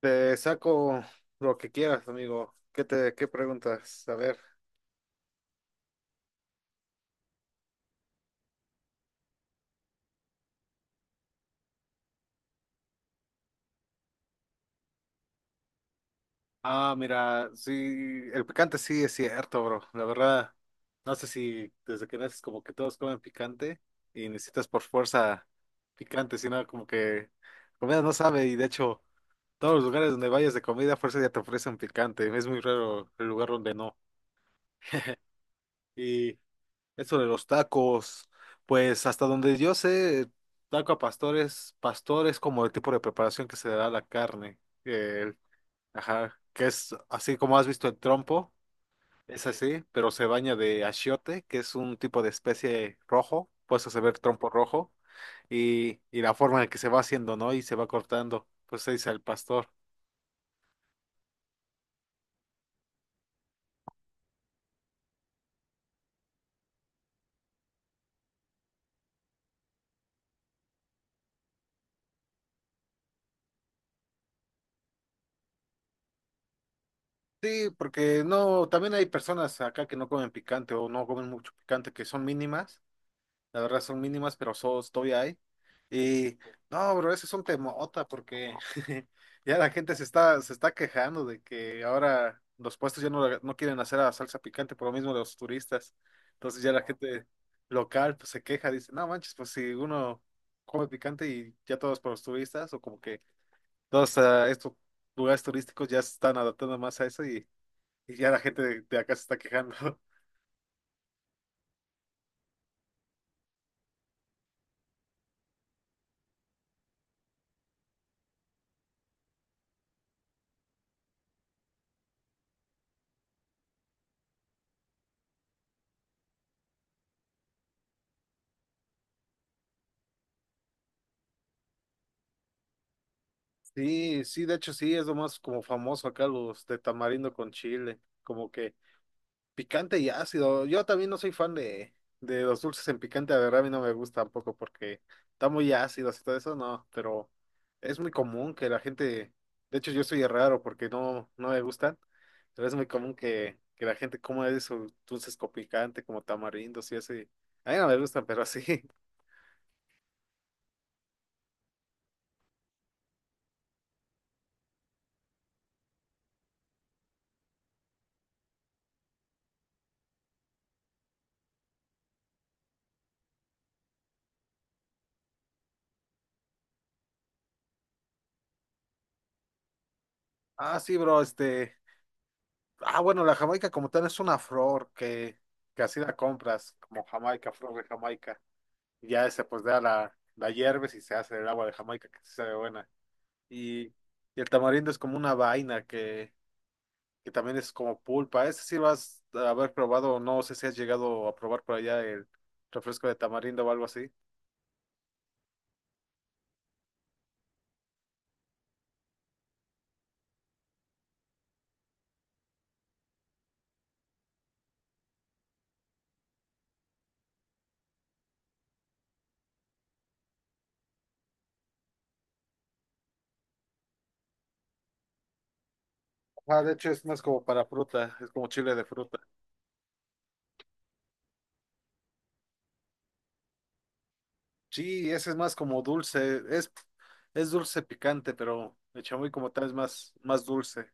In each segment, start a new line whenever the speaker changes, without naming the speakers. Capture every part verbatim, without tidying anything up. Te saco lo que quieras, amigo. ¿Qué te, qué preguntas? A ver. Ah, mira, sí, el picante sí es cierto, bro. La verdad, no sé si desde que naces como que todos comen picante y necesitas por fuerza picante, sino como que comida no sabe. Y de hecho todos los lugares donde vayas de comida a fuerza ya te ofrecen picante. Es muy raro el lugar donde no. Eso de los tacos, pues hasta donde yo sé, taco a pastores, pastor es como el tipo de preparación que se le da a la carne. El, ajá, que es así como has visto el trompo, es así, pero se baña de achiote, que es un tipo de especie rojo, pues eso se ve el trompo rojo, y, y la forma en que se va haciendo, ¿no? Y se va cortando, pues se dice el pastor. Sí, porque no, también hay personas acá que no comen picante o no comen mucho picante, que son mínimas. La verdad son mínimas, pero so- todavía hay. Y no, bro, eso es un temota porque ya la gente se está, se está quejando de que ahora los puestos ya no, la- no quieren hacer la salsa picante por lo mismo de los turistas. Entonces ya la gente local pues, se queja, dice, no manches, pues si uno come picante y ya todos por los turistas, o como que todos ah, estos lugares turísticos ya se están adaptando más a eso. Y, y ya la gente de de acá se está quejando. Sí, sí, de hecho sí, es lo más como famoso acá los de tamarindo con chile, como que picante y ácido. Yo también no soy fan de, de los dulces en picante, la verdad a mí no me gusta tampoco porque está muy ácido y todo eso, no, pero es muy común que la gente, de hecho yo soy raro porque no, no me gustan, pero es muy común que, que la gente coma esos dulces con picante como tamarindos y así. A mí no me gustan, pero sí. Ah, sí, bro, este, ah, bueno, la Jamaica como tal es una flor que, que así la compras, como Jamaica, flor de Jamaica. Y ya esa pues da la, la hierves y se hace el agua de Jamaica, que sí sabe buena. Y, y el tamarindo es como una vaina que, que también es como pulpa. Ese sí lo has de haber probado, no sé si has llegado a probar por allá el refresco de tamarindo o algo así. Ah, de hecho es más como para fruta, es como chile de fruta. Sí, ese es más como dulce, es, es dulce picante, pero el chamoy como tal es más, más dulce.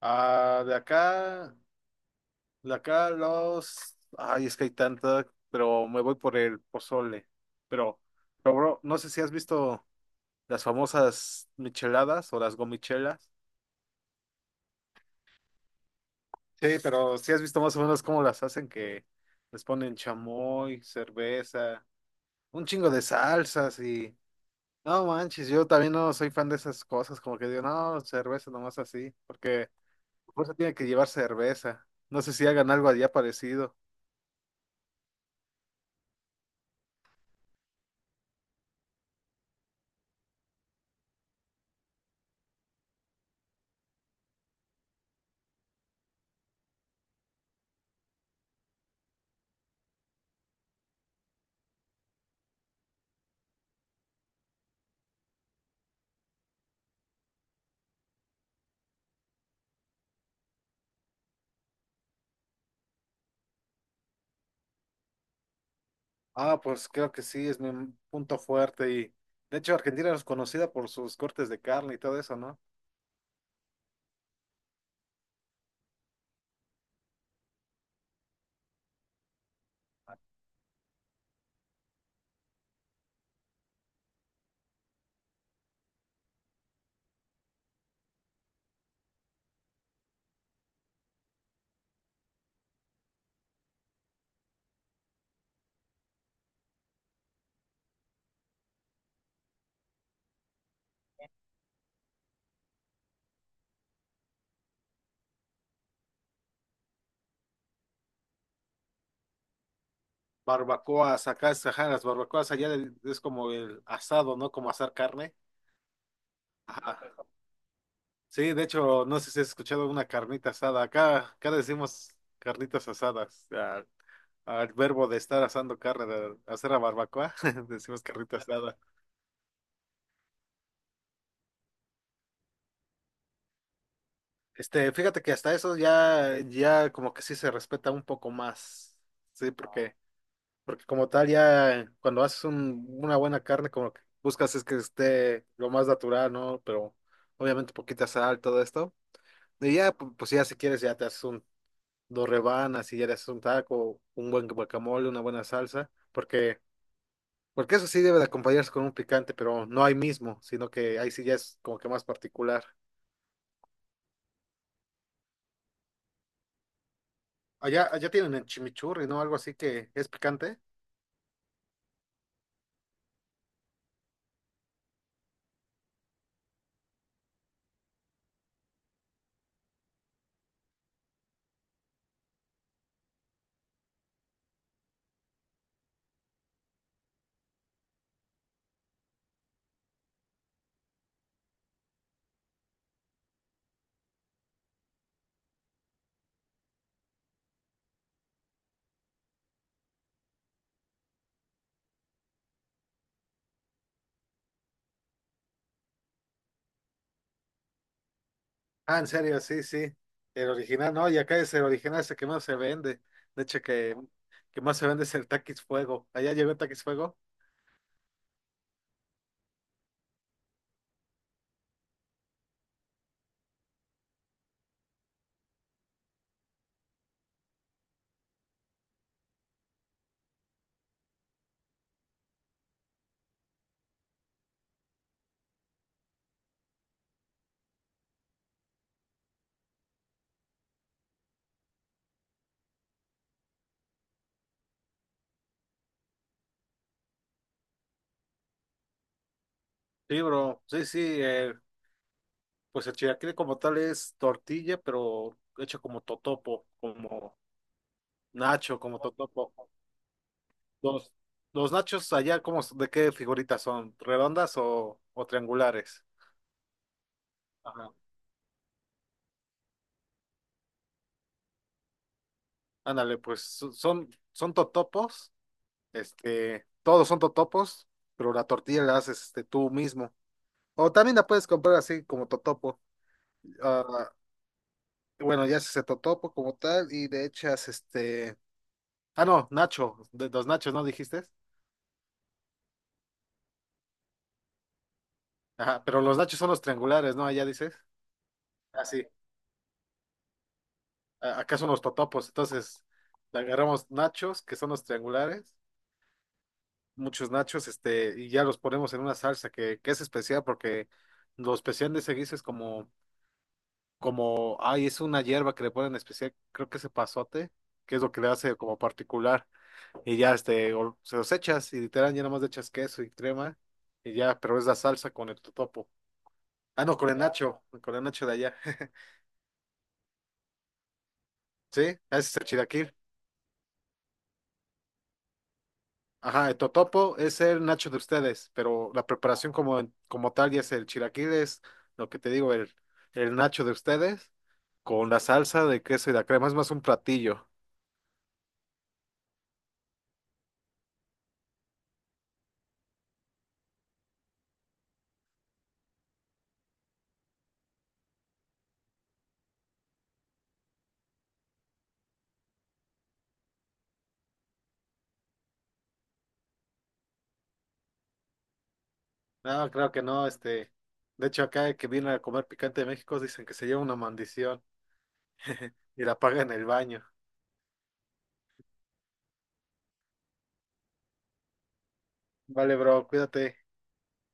Ah, de acá, de acá los... Ay, es que hay tanta, pero me voy por el pozole. Pero, pero bro, no sé si has visto las famosas micheladas o las gomichelas. Sí, pero si has visto más o menos cómo las hacen, que les ponen chamoy, cerveza, un chingo de salsas y... No manches, yo también no soy fan de esas cosas, como que digo, no, cerveza nomás así, porque por eso tiene que llevar cerveza. No sé si hagan algo allá parecido. Ah, pues creo que sí, es mi punto fuerte y de hecho Argentina es conocida por sus cortes de carne y todo eso, ¿no? Barbacoas, acá es, ajá, las barbacoas allá del- es como el asado, ¿no? Como asar carne. Ajá. Sí, de hecho, no sé si has escuchado una carnita asada. Acá, acá decimos carnitas asadas. Al, al verbo de estar asando carne, de hacer la barbacoa, decimos carnita asada. Este, fíjate que hasta eso ya, ya como que sí se respeta un poco más. Sí, porque porque como tal, ya cuando haces un- una buena carne, como que buscas es que esté lo más natural, ¿no? Pero obviamente poquita sal, todo esto. Y ya, pu- pues ya si quieres, ya te haces un, dos rebanas y ya te haces un taco, un buen guacamole, una buena salsa. Porque, porque eso sí debe de acompañarse con un picante, pero no ahí mismo, sino que ahí sí ya es como que más particular. Allá, allá tienen el chimichurri, ¿no? Algo así que es picante. Ah, en serio, sí, sí. El original, no, y acá es el original, es el que más se vende. De hecho, que, que más se vende es el Takis Fuego. ¿Allá llegó el Takis Fuego? Sí, bro, sí, sí. Eh, pues el chilaquil como tal es tortilla, pero hecho como totopo, como nacho, como totopo. Los, los nachos allá, ¿cómo, de qué figuritas son? ¿Redondas o, o triangulares? Ajá. Ándale, pues so- son, son totopos, este, todos son totopos, pero la tortilla la haces este, tú mismo. O también la puedes comprar así como totopo. Ah, bueno, ya se totopo como tal y de hechas este... Ah, no, nacho, de los nachos, ¿no dijiste? Ajá, pero los nachos son los triangulares, ¿no? Allá dices. Ah, sí. a- Acá son los totopos, entonces le agarramos nachos, que son los triangulares, muchos nachos, este, y ya los ponemos en una salsa que, que es especial porque lo especial de ese guiso es como, como, ay, es una hierba que le ponen especial, creo que es epazote, que es lo que le hace como particular. Y ya este, o- se los echas y literal ya nomás le echas queso y crema y ya, pero es la salsa con el totopo. Ah, no, con el nacho, con el nacho de allá. Sí, ese es el chilaquil. Ajá, el totopo es el nacho de ustedes, pero la preparación como, como tal ya es el chilaquil, es lo que te digo, el, el nacho de ustedes con la salsa de queso y la crema, es más un platillo. No, creo que no, este. De hecho, acá el que viene a comer picante de México dicen que se lleva una maldición y la paga en el baño. Vale, bro, cuídate.